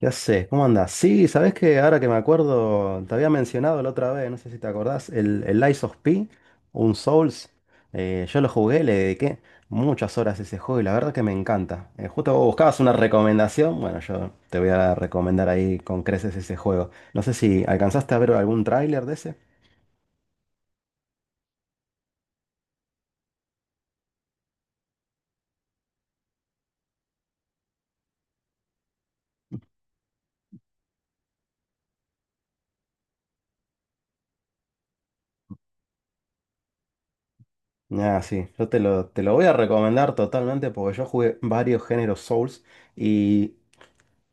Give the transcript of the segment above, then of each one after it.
Ya sé, ¿cómo andás? Sí, ¿sabés que ahora que me acuerdo, te había mencionado la otra vez, no sé si te acordás, el Lies of P, un Souls. Yo lo jugué, le dediqué muchas horas a ese juego y la verdad que me encanta. Justo vos buscabas una recomendación, bueno, yo te voy a recomendar ahí con creces ese juego. No sé si alcanzaste a ver algún tráiler de ese. Ah, sí, yo te lo voy a recomendar totalmente porque yo jugué varios géneros Souls y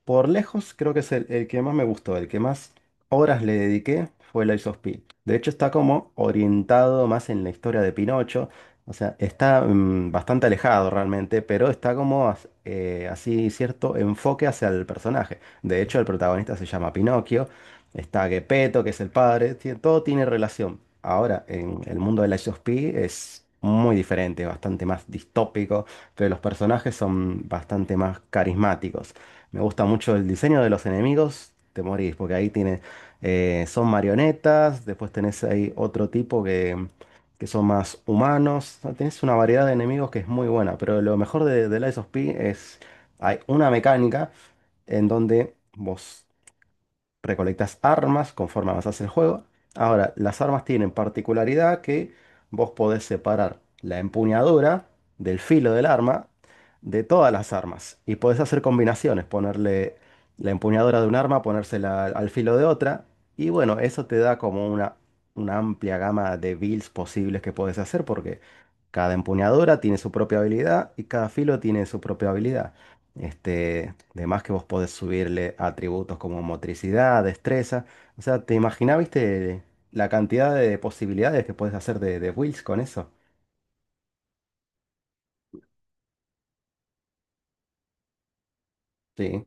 por lejos, creo que es el que más me gustó, el que más horas le dediqué fue el Ice of P. De hecho, está como orientado más en la historia de Pinocho. O sea, está bastante alejado realmente, pero está como así cierto enfoque hacia el personaje. De hecho, el protagonista se llama Pinocchio. Está Geppetto, que es el padre. Todo tiene relación. Ahora, en el mundo del Ice of P es muy diferente, bastante más distópico, pero los personajes son bastante más carismáticos. Me gusta mucho el diseño de los enemigos, te morís, porque ahí tiene, son marionetas, después tenés ahí otro tipo que son más humanos, o sea, tenés una variedad de enemigos que es muy buena, pero lo mejor de Lies of P es, hay una mecánica en donde vos recolectas armas conforme avanzas el juego. Ahora, las armas tienen particularidad que vos podés separar la empuñadura del filo del arma de todas las armas y podés hacer combinaciones, ponerle la empuñadura de un arma, ponérsela al filo de otra y bueno, eso te da como una amplia gama de builds posibles que podés hacer porque cada empuñadura tiene su propia habilidad y cada filo tiene su propia habilidad. Este, demás que vos podés subirle atributos como motricidad, destreza. O sea, ¿te imaginás, viste, la cantidad de posibilidades que podés hacer de builds con eso? Sí,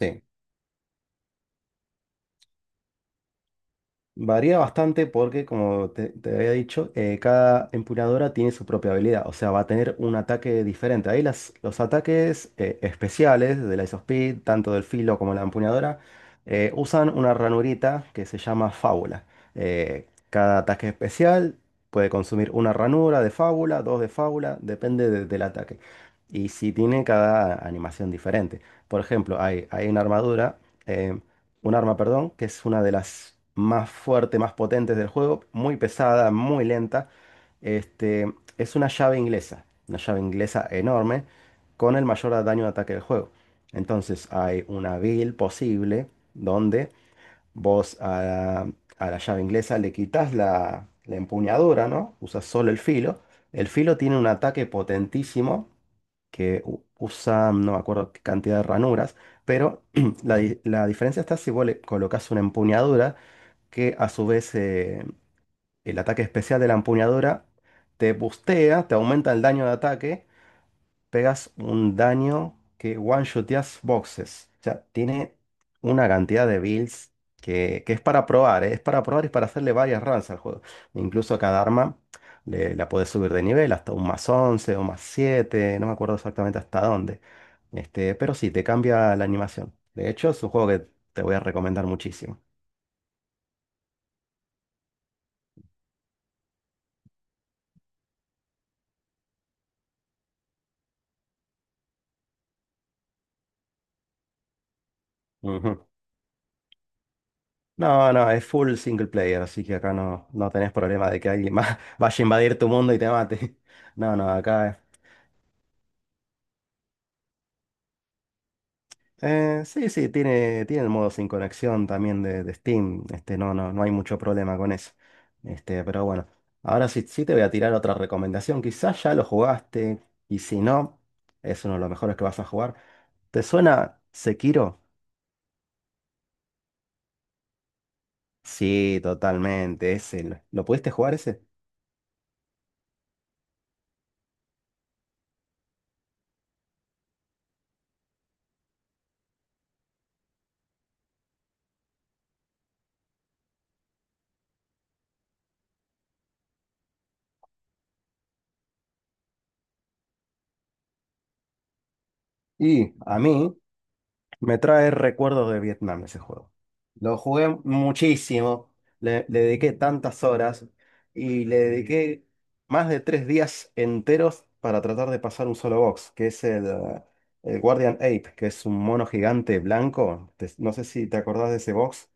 sí. Varía bastante porque, como te había dicho, cada empuñadora tiene su propia habilidad, o sea, va a tener un ataque diferente. Ahí los ataques especiales de la Isospeed, tanto del filo como la empuñadora, usan una ranurita que se llama fábula. Cada ataque especial puede consumir una ranura de fábula, dos de fábula, del ataque. Y si tiene cada animación diferente. Por ejemplo, hay una armadura. eh, un arma, perdón, que es una de las más fuertes, más potentes del juego, muy pesada, muy lenta. Este, es una llave inglesa enorme, con el mayor daño de ataque del juego. Entonces hay una build posible donde vos a, a la llave inglesa le quitas la empuñadura, ¿no? Usas solo el filo. El filo tiene un ataque potentísimo que usa, no me acuerdo qué cantidad de ranuras, pero la diferencia está si vos le colocas una empuñadura, que a su vez el ataque especial de la empuñadura te bustea, te aumenta el daño de ataque, pegas un daño que one-shoteas boxes. O sea, tiene una cantidad de builds que es para probar, ¿eh? Es para probar y para hacerle varias runs al juego. Incluso a cada arma la puedes subir de nivel hasta un más 11 o más 7, no me acuerdo exactamente hasta dónde. Este, pero sí, te cambia la animación. De hecho, es un juego que te voy a recomendar muchísimo. Ujú. No, no, es full single player, así que acá no, no tenés problema de que alguien más vaya a invadir tu mundo y te mate. No, no, acá sí, sí, tiene, tiene el modo sin conexión también de Steam. Este, no, no, no hay mucho problema con eso. Este, pero bueno, ahora sí, sí te voy a tirar otra recomendación. Quizás ya lo jugaste y si no, es uno de los mejores que vas a jugar. ¿Te suena Sekiro? Sí, totalmente. Ese, ¿lo pudiste jugar ese? Y a mí me trae recuerdos de Vietnam ese juego. Lo jugué muchísimo, le dediqué tantas horas y le dediqué más de tres días enteros para tratar de pasar un solo box, que es el Guardian Ape, que es un mono gigante blanco. No sé si te acordás de ese box.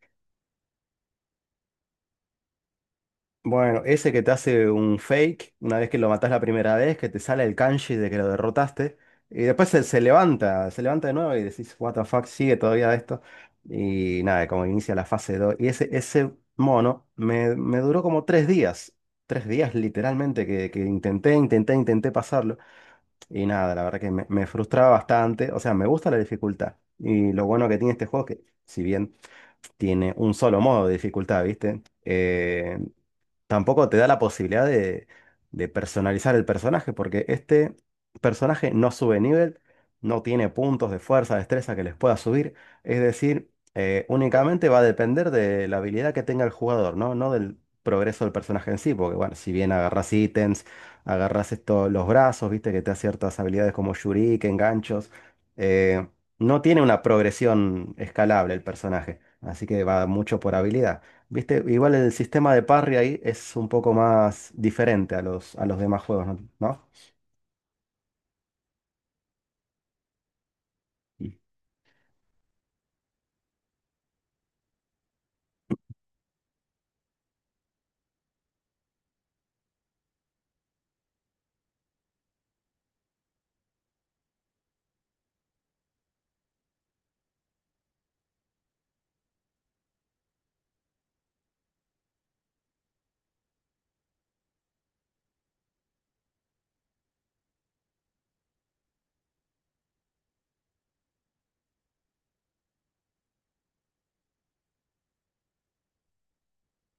Bueno, ese que te hace un fake, una vez que lo matás la primera vez, que te sale el kanji de que lo derrotaste, y después se levanta de nuevo y decís, what the fuck, sigue todavía esto. Y nada, como inicia la fase dos. Y ese mono me duró como tres días. Tres días literalmente que intenté, intenté, intenté pasarlo. Y nada, la verdad que me frustraba bastante. O sea, me gusta la dificultad. Y lo bueno que tiene este juego es que, si bien tiene un solo modo de dificultad, ¿viste? Tampoco te da la posibilidad de personalizar el personaje, porque este personaje no sube nivel, no tiene puntos de fuerza, destreza que les pueda subir, es decir, únicamente va a depender de la habilidad que tenga el jugador, ¿no? No del progreso del personaje en sí, porque bueno, si bien agarras ítems, agarras esto, los brazos, viste que te da ciertas habilidades como shuriken, ganchos, eh, no tiene una progresión escalable el personaje, así que va mucho por habilidad. ¿Viste? Igual el sistema de parry ahí es un poco más diferente a los demás juegos, ¿no? ¿No?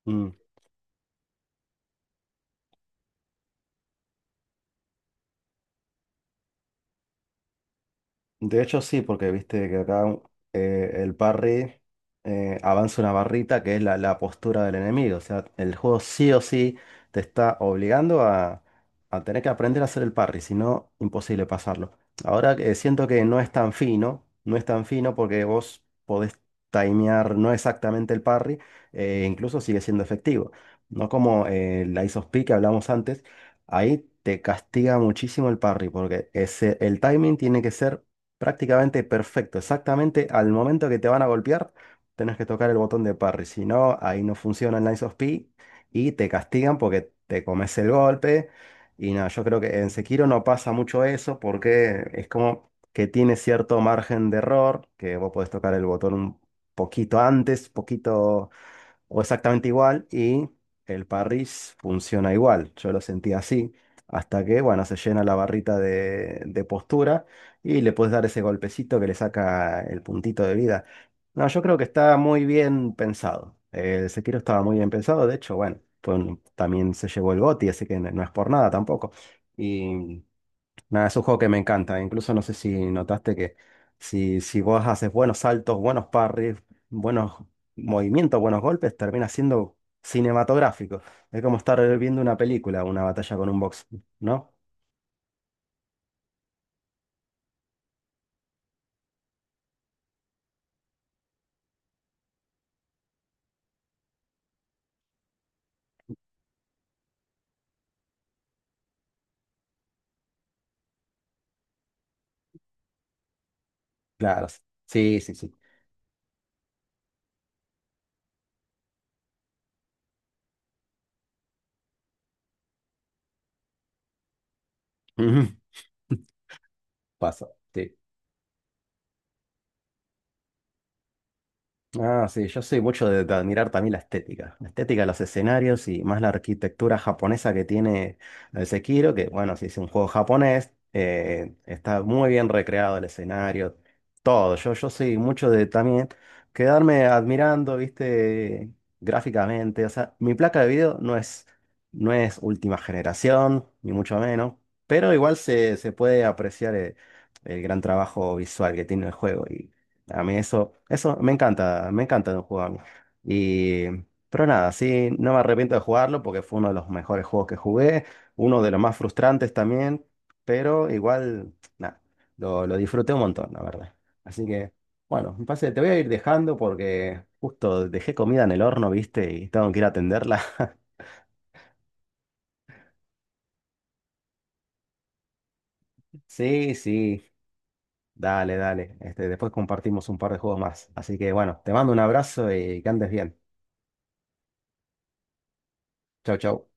Mm. De hecho, sí, porque viste que acá el parry avanza una barrita que es la, la postura del enemigo. O sea, el juego sí o sí te está obligando a tener que aprender a hacer el parry, si no, imposible pasarlo. Ahora que siento que no es tan fino, no es tan fino porque vos podés timear no exactamente el parry, incluso sigue siendo efectivo. No como la Ace of P que hablamos antes, ahí te castiga muchísimo el parry porque ese, el timing tiene que ser prácticamente perfecto, exactamente al momento que te van a golpear, tenés que tocar el botón de parry, si no, ahí no funciona el Lines of P y te castigan porque te comes el golpe. Y nada, yo creo que en Sekiro no pasa mucho eso porque es como que tiene cierto margen de error, que vos podés tocar el botón un poquito antes, poquito o exactamente igual y el Parris funciona igual. Yo lo sentí así hasta que, bueno, se llena la barrita de postura y le puedes dar ese golpecito que le saca el puntito de vida. No, yo creo que está muy bien pensado. El Sekiro estaba muy bien pensado, de hecho, bueno, también se llevó el GOTY, así que no, no es por nada tampoco. Y nada, es un juego que me encanta. Incluso no sé si notaste que si, si vos haces buenos saltos, buenos parries, buenos movimientos, buenos golpes, termina siendo cinematográfico. Es como estar viendo una película, una batalla con un box, ¿no? Claro. Sí, sí, sí. Ujú. Pasa. Sí. Ah, sí, yo soy mucho de admirar también la estética de los escenarios y más la arquitectura japonesa que tiene el Sekiro, que bueno, si es un juego japonés, está muy bien recreado el escenario, todo. Yo soy mucho de también quedarme admirando, viste, gráficamente. O sea, mi placa de video no es, no es última generación, ni mucho menos, pero igual se puede apreciar el gran trabajo visual que tiene el juego. A mí eso me encanta de un juego a mí. Y, pero nada, sí, no me arrepiento de jugarlo porque fue uno de los mejores juegos que jugué, uno de los más frustrantes también, pero igual, nada, lo disfruté un montón, la verdad. Así que, bueno, me parece que te voy a ir dejando porque justo dejé comida en el horno, ¿viste? Y tengo que ir a atenderla. Sí, sí, dale, dale. Este, después compartimos un par de juegos más. Así que, bueno, te mando un abrazo y que andes bien. Chau, chau.